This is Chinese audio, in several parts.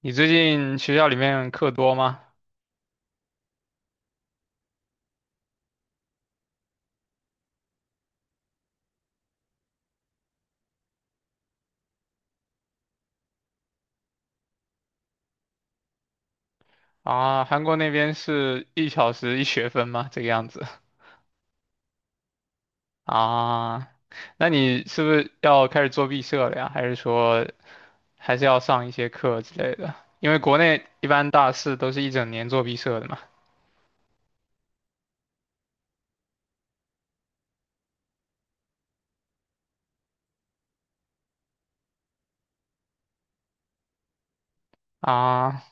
你最近学校里面课多吗？啊，韩国那边是一小时一学分吗？这个样子。啊？那你是不是要开始做毕设了呀？还是说还是要上一些课之类的？因为国内一般大四都是一整年做毕设的嘛。啊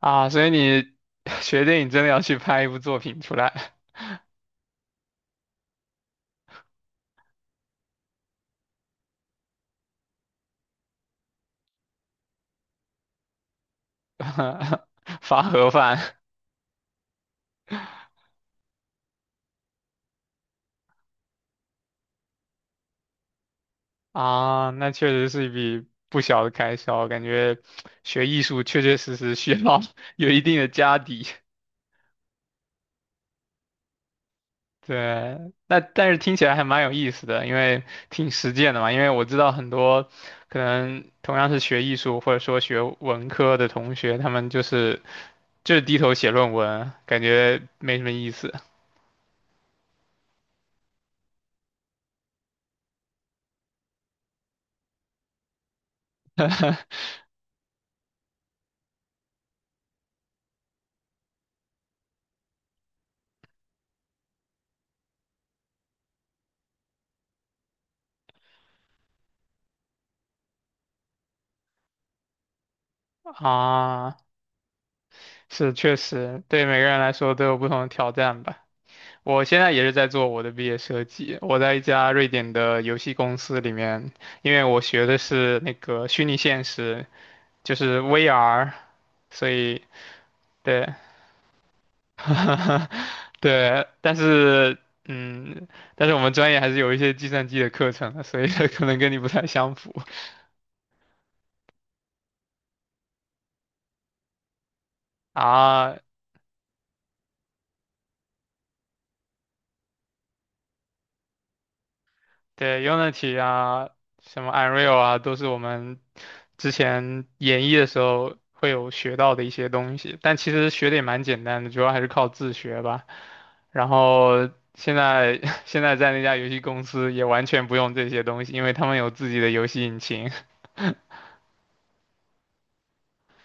啊，所以你 学电影真的要去拍一部作品出来。发盒饭。啊，那确实是一笔不小的开销，感觉学艺术确确实实需要 有一定的家底。对，那但是听起来还蛮有意思的，因为挺实践的嘛。因为我知道很多可能同样是学艺术或者说学文科的同学，他们就是低头写论文，感觉没什么意思啊。是确实，对每个人来说都有不同的挑战吧。我现在也是在做我的毕业设计，我在一家瑞典的游戏公司里面，因为我学的是那个虚拟现实，就是 VR,所以对，对，嗯，但是我们专业还是有一些计算机的课程的，所以 可能跟你不太相符啊。对，Unity 啊，什么 Unreal 啊，都是我们之前演绎的时候会有学到的一些东西，但其实学的也蛮简单的，主要还是靠自学吧。然后现在 现在在那家游戏公司也完全不用这些东西，因为他们有自己的游戏引擎。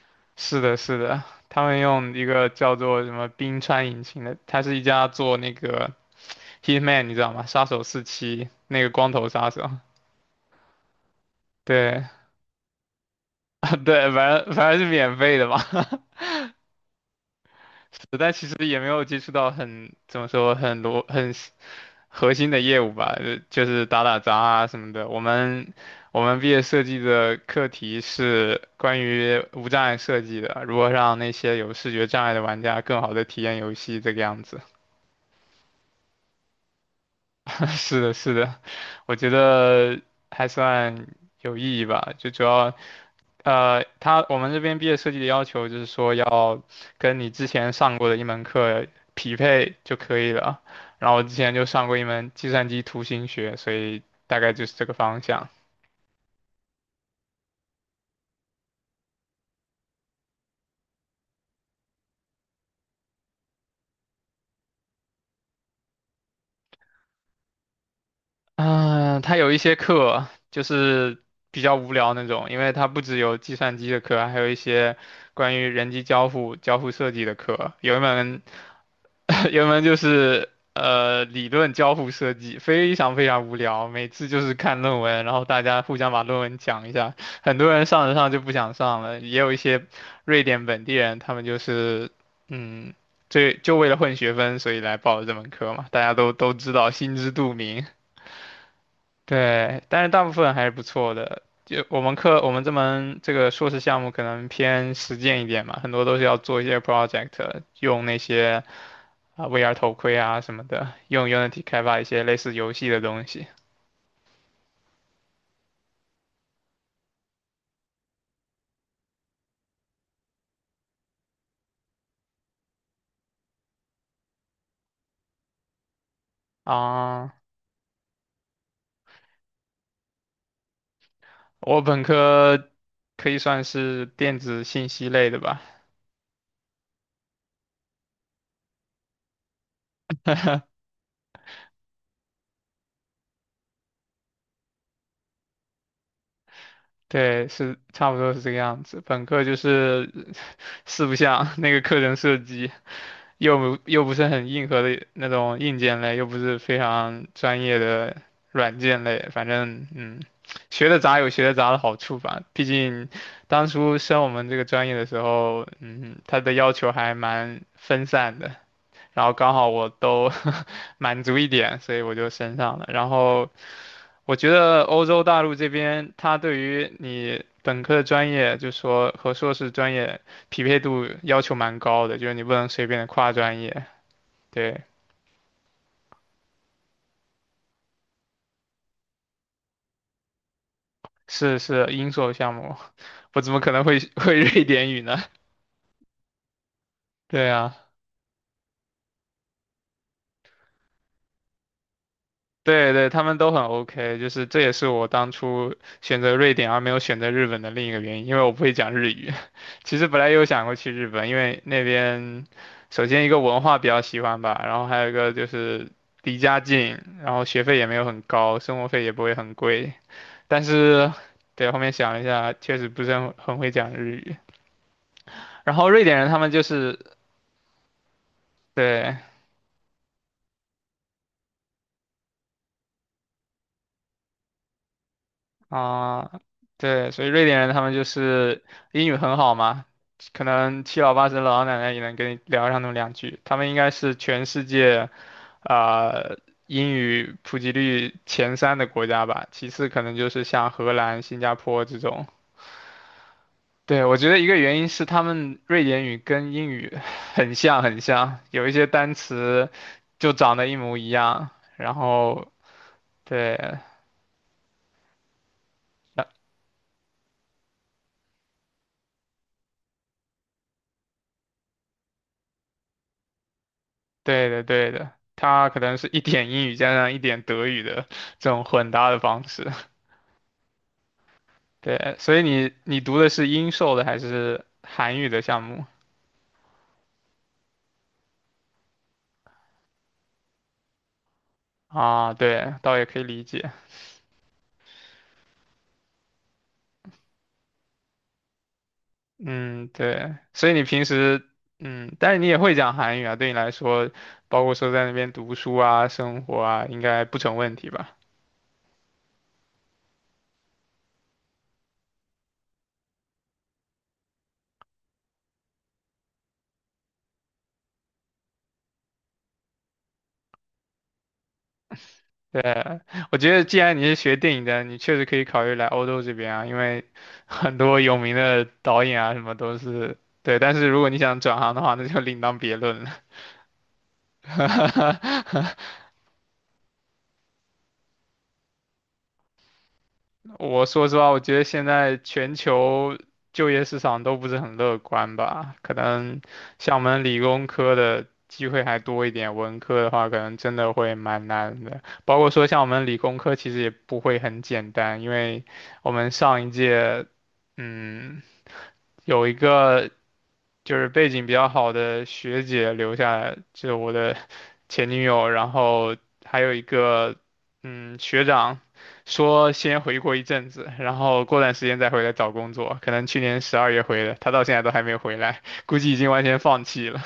是的，是的，他们用一个叫做什么冰川引擎的，它是一家做那个 Hitman,你知道吗？杀手四七那个光头杀手，对。对，反正是免费的嘛。是但其实也没有接触到很怎么说很多很核心的业务吧，就是打打杂啊什么的。我们毕业设计的课题是关于无障碍设计的，如何让那些有视觉障碍的玩家更好的体验游戏，这个样子。是的，是的，我觉得还算有意义吧，就主要我们这边毕业设计的要求就是说要跟你之前上过的一门课匹配就可以了。然后我之前就上过一门计算机图形学，所以大概就是这个方向。嗯，它有一些课就是比较无聊那种，因为它不只有计算机的课，还有一些关于人机交互、交互设计的课。有一门，有一门就是理论交互设计，非常非常无聊。每次就是看论文，然后大家互相把论文讲一下。很多人上着上就不想上了，也有一些瑞典本地人，他们就是嗯，这就为了混学分，所以来报了这门课嘛。大家都知道，心知肚明。对，但是大部分还是不错的。就我们课，我们这门这个硕士项目可能偏实践一点嘛，很多都是要做一些 project,用那些啊、VR 头盔啊什么的，用 Unity 开发一些类似游戏的东西啊。我本科可以算是电子信息类的吧，对，是差不多是这个样子。本科就是 四不像那个课程设计。又不是很硬核的那种硬件类，又不是非常专业的软件类，反正嗯，学的杂有学的杂的好处吧。毕竟当初升我们这个专业的时候，嗯，它的要求还蛮分散的，然后刚好我都 满足一点，所以我就升上了。然后我觉得欧洲大陆这边，它对于你。本科的专业就说和硕士专业匹配度要求蛮高的，就是你不能随便的跨专业，对，是是英硕项目，我怎么可能会瑞典语呢？对啊，对对，他们都很 OK,就是这也是我当初选择瑞典而没有选择日本的另一个原因，因为我不会讲日语。其实本来有想过去日本，因为那边首先一个文化比较喜欢吧，然后还有一个就是离家近，然后学费也没有很高，生活费也不会很贵，但是。对，后面想了一下，确实不是很会讲日语。然后瑞典人他们就是对，啊，对，所以瑞典人他们就是英语很好嘛，可能七老八十的老奶奶也能跟你聊上那么两句。他们应该是全世界啊、呃英语普及率前三的国家吧，其次可能就是像荷兰、新加坡这种。对，我觉得一个原因是他们瑞典语跟英语 很像很像，有一些单词就长得一模一样，然后对。对的，对的，它可能是一点英语加上一点德语的这种混搭的方式。对，所以你你读的是英授的还是韩语的项目啊？对，倒也可以理解。嗯，对，所以你平时嗯，但是你也会讲韩语啊，对你来说，包括说在那边读书啊、生活啊，应该不成问题吧？对，我觉得既然你是学电影的，你确实可以考虑来欧洲这边啊，因为 很多有名的导演啊，什么都是对。但是如果你想转行的话，那就另当别论了。我说实话，我觉得现在全球就业市场都不是很乐观吧，可能像我们理工科的机会还多一点，文科的话可能真的会蛮难的。包括说像我们理工科其实也不会很简单，因为我们上一届，嗯。有一个就是背景比较好的学姐留下来，就我的前女友，然后还有一个嗯学长，说先回国一阵子，然后过段时间再回来找工作，可能去年十二月回的，他到现在都还没回来，估计已经完全放弃了。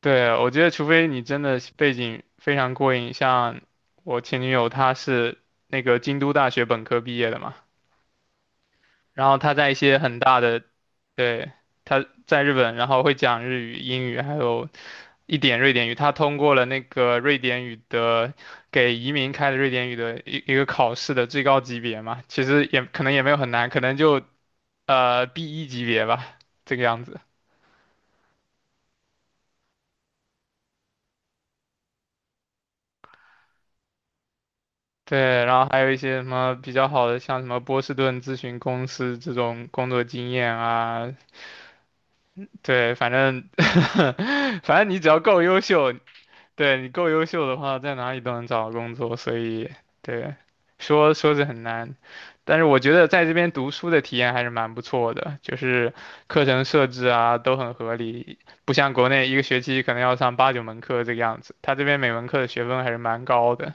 对，我觉得除非你真的背景非常过硬，像我前女友她是那个京都大学本科毕业的嘛，然后她在一些很大的，对，她在日本，然后会讲日语、英语还有一点瑞典语，他通过了那个瑞典语的给移民开的瑞典语的一个考试的最高级别嘛，其实也可能也没有很难，可能就b 一级别吧，这个样子。对，然后还有一些什么比较好的，像什么波士顿咨询公司这种工作经验啊，对，反正 反正你只要够优秀，对，你够优秀的话，在哪里都能找到工作，所以对，说说是很难，但是我觉得在这边读书的体验还是蛮不错的，就是课程设置啊都很合理，不像国内一个学期可能要上八九门课这个样子，他这边每门课的学分还是蛮高的。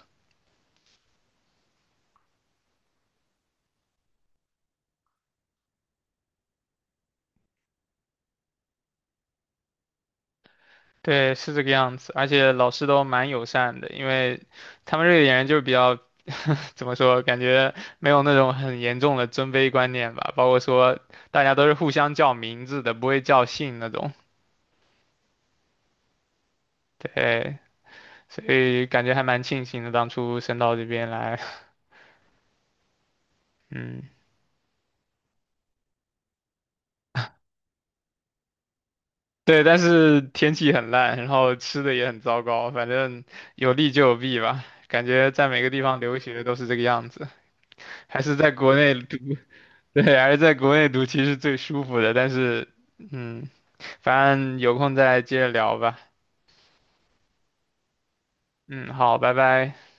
对，是这个样子，而且老师都蛮友善的，因为他们瑞典人就是比较，怎么说，感觉没有那种很严重的尊卑观念吧，包括说大家都是互相叫名字的，不会叫姓那种。对，所以感觉还蛮庆幸的，当初升到这边来，嗯。对，但是天气很烂，然后吃的也很糟糕，反正有利就有弊吧。感觉在每个地方留学都是这个样子，还是在国内对，还是在国内读其实最舒服的，但是，嗯，反正有空再接着聊吧。嗯，好，拜拜。